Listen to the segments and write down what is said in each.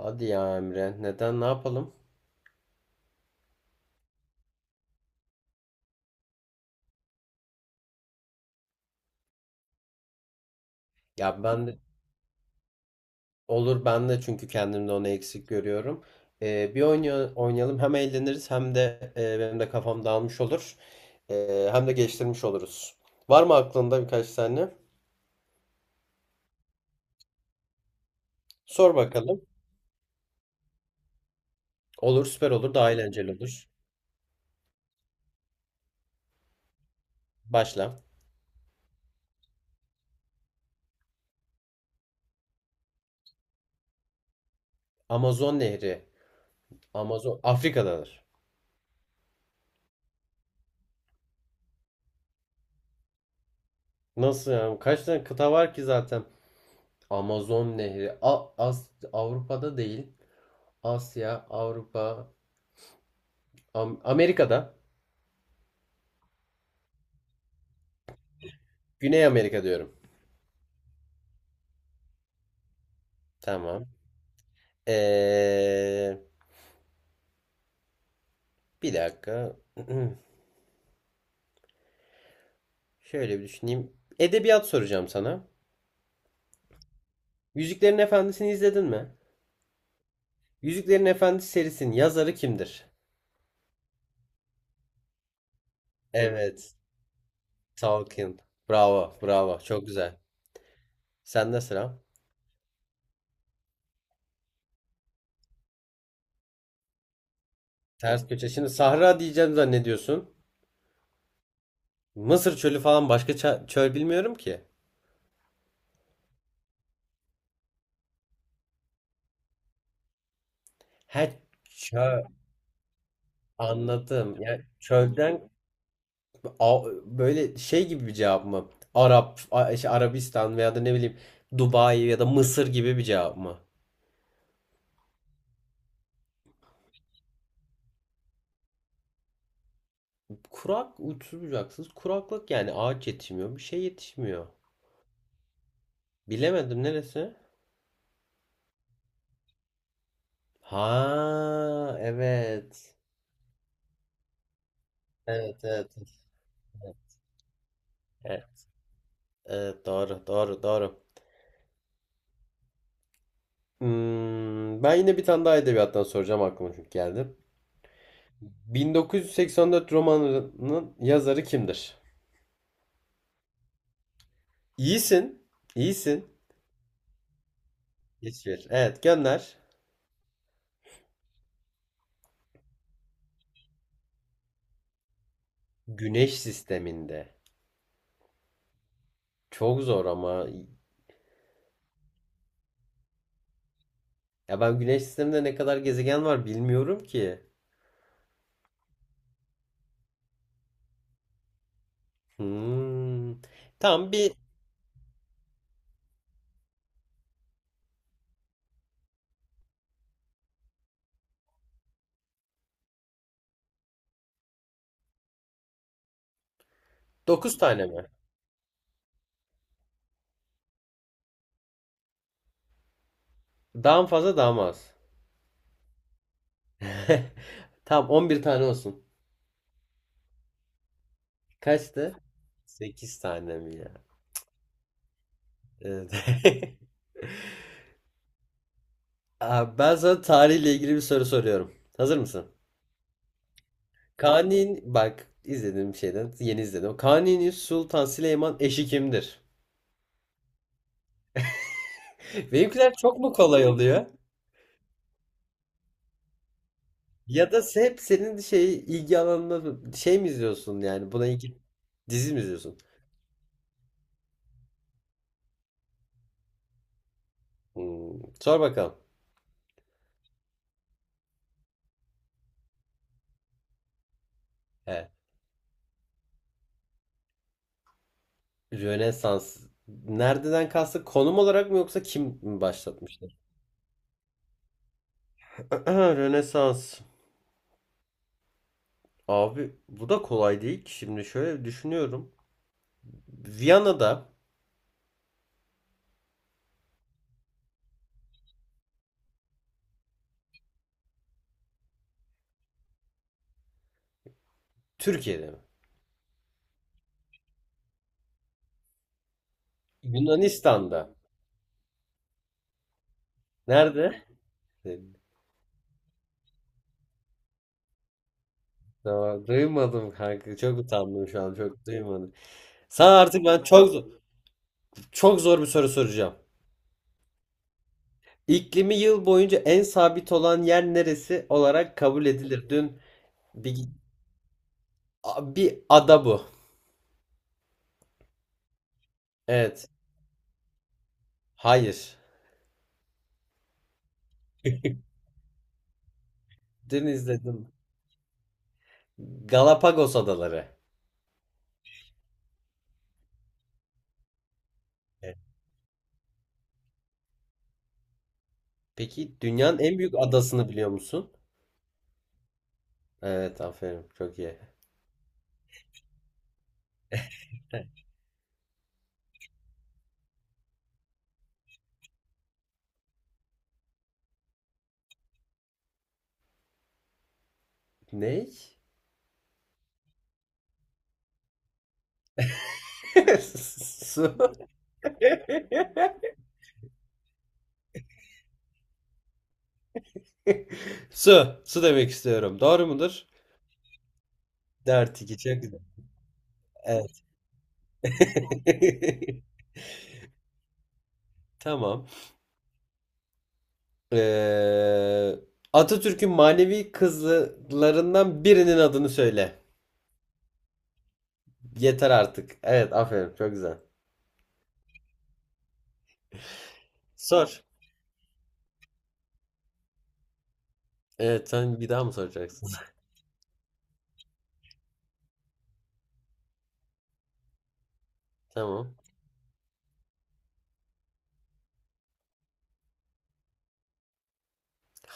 Hadi ya Emre, neden ne yapalım? Ya ben de olur ben de çünkü kendimde onu eksik görüyorum. Bir oynayalım, hem eğleniriz hem de benim de kafam dağılmış olur. Hem de geçtirmiş oluruz. Var mı aklında birkaç tane? Sor bakalım. Olur, süper olur, daha eğlenceli olur. Başla. Amazon Nehri. Amazon Afrika'dadır. Nasıl yani? Kaç tane kıta var ki zaten? Amazon Nehri. Avrupa'da değil. Asya, Avrupa, Amerika'da. Güney Amerika diyorum. Tamam. Ee, Bir dakika. Şöyle bir düşüneyim. Edebiyat soracağım sana. Yüzüklerin Efendisi'ni izledin mi? Yüzüklerin Efendisi serisinin yazarı kimdir? Evet. Tolkien. Bravo, bravo. Çok güzel. Sende sıra. Ters köşe. Şimdi Sahra diyeceğim zannediyorsun. Mısır çölü falan, başka çöl bilmiyorum ki. He, çöl. Anladım. Yani çölden A- böyle şey gibi bir cevap mı? Arap, işte Arabistan veya da ne bileyim Dubai ya da Mısır gibi bir cevap mı? Kurak, uçsuz bucaksız kuraklık, yani ağaç yetişmiyor, bir şey yetişmiyor. Bilemedim, neresi? Ha, evet. Evet, evet. Evet, evet. Evet, doğru doğru doğru. Ben yine bir tane daha edebiyattan soracağım, aklıma çünkü geldi. 1984 romanının yazarı kimdir? İyisin, iyisin. İsviçre. Evet, gönder. Güneş sisteminde. Çok zor ama. Ya ben güneş sisteminde ne kadar gezegen var bilmiyorum ki. Hmm. Tamam, bir, dokuz tane mi? Daha mı fazla, daha mı az? Tamam, 11 tane olsun. Kaçtı? 8 tane mi ya? Evet. Abi ben sana tarihle ilgili bir soru soruyorum. Hazır mısın? Bak, izlediğim şeyden yeni izledim. Kanuni Sultan Süleyman eşi kimdir? Benimkiler çok mu kolay oluyor? Ya da hep senin şey ilgi alanında şey mi izliyorsun, yani buna ilgi dizi mi izliyorsun? Sor bakalım. Evet. Rönesans. Nereden kastı? Konum olarak mı yoksa kim başlatmıştır? Rönesans. Abi bu da kolay değil ki. Şimdi şöyle düşünüyorum. Viyana'da, Türkiye'de mi? Yunanistan'da. Nerede? Tamam, duymadım kanka. Çok utandım şu an. Çok duymadım. Sana artık ben çok çok zor bir soru soracağım. İklimi yıl boyunca en sabit olan yer neresi olarak kabul edilir? Dün bir, bir ada bu. Evet. Hayır. Dün izledim. Galapagos Adaları. Evet. Peki dünyanın en büyük adasını biliyor musun? Evet, aferin. Çok iyi. Ne? Su. Su. Su demek istiyorum. Doğru mudur? 4-2, çok güzel. Evet. Tamam. Ee, Atatürk'ün manevi kızlarından birinin adını söyle. Yeter artık. Evet, aferin. Çok güzel. Sor. Evet, sen bir daha mı soracaksın? Tamam.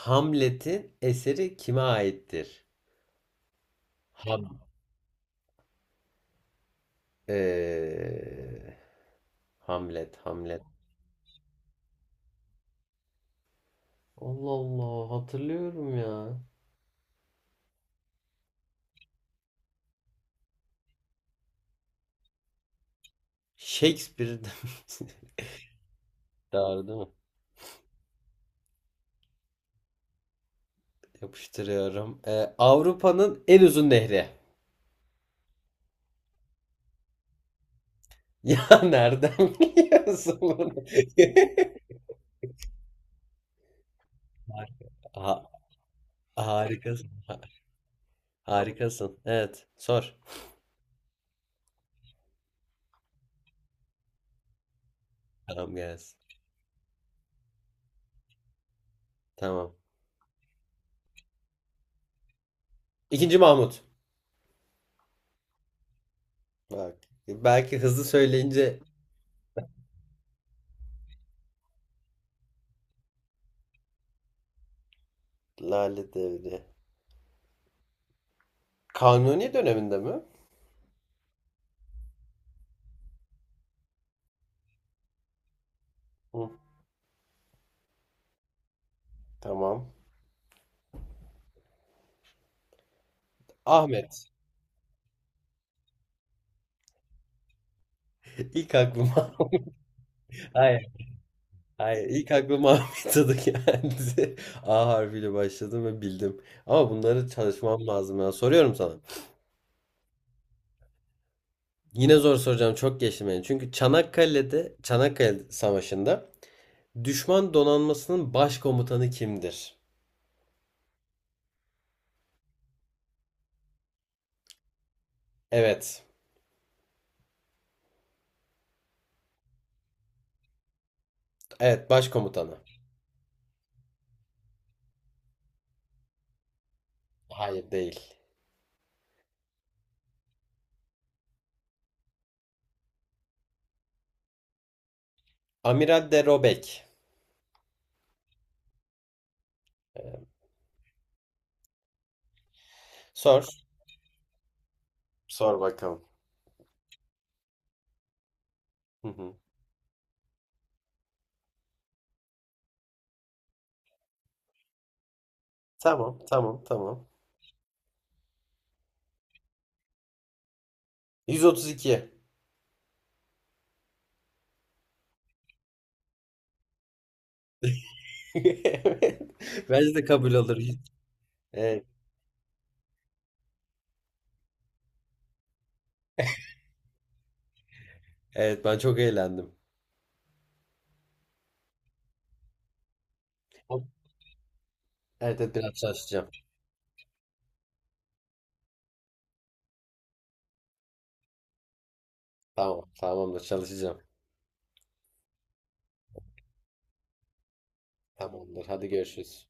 Hamlet'in eseri kime aittir? Ham. Ee, Hamlet, Hamlet. Allah Allah, hatırlıyorum ya. Shakespeare'den. Doğru değil mi? Yapıştırıyorum. Avrupa'nın en uzun nehri. Ya nereden biliyorsun bunu? Harika. Ha- Harikasın. Harikasın. Evet. Sor. Tamam, gelsin. Tamam. II. Mahmut. Bak. Belki hızlı söyleyince... Lale Devri. Kanuni döneminde mi? Hı, tamam. Ahmet. İlk aklıma... Hayır. Hayır. İlk aklıma Ahmet adı geldi. A harfiyle başladım ve bildim. Ama bunları çalışmam lazım ya. Soruyorum sana. Yine zor soracağım. Çok geçtim yani. Çünkü Çanakkale Savaşı'nda düşman donanmasının başkomutanı kimdir? Evet. Evet, başkomutanı. Hayır, değil. Amiral de Robek. Sor. Sor bakalım. Hı hı. Tamam, tamam, tamam. 132. Evet. Bence de kabul olur. Evet, evet, ben çok eğlendim. Evet, evet, biraz çalışacağım. Tamam, tamamdır, çalışacağım. Tamamdır. Hadi görüşürüz.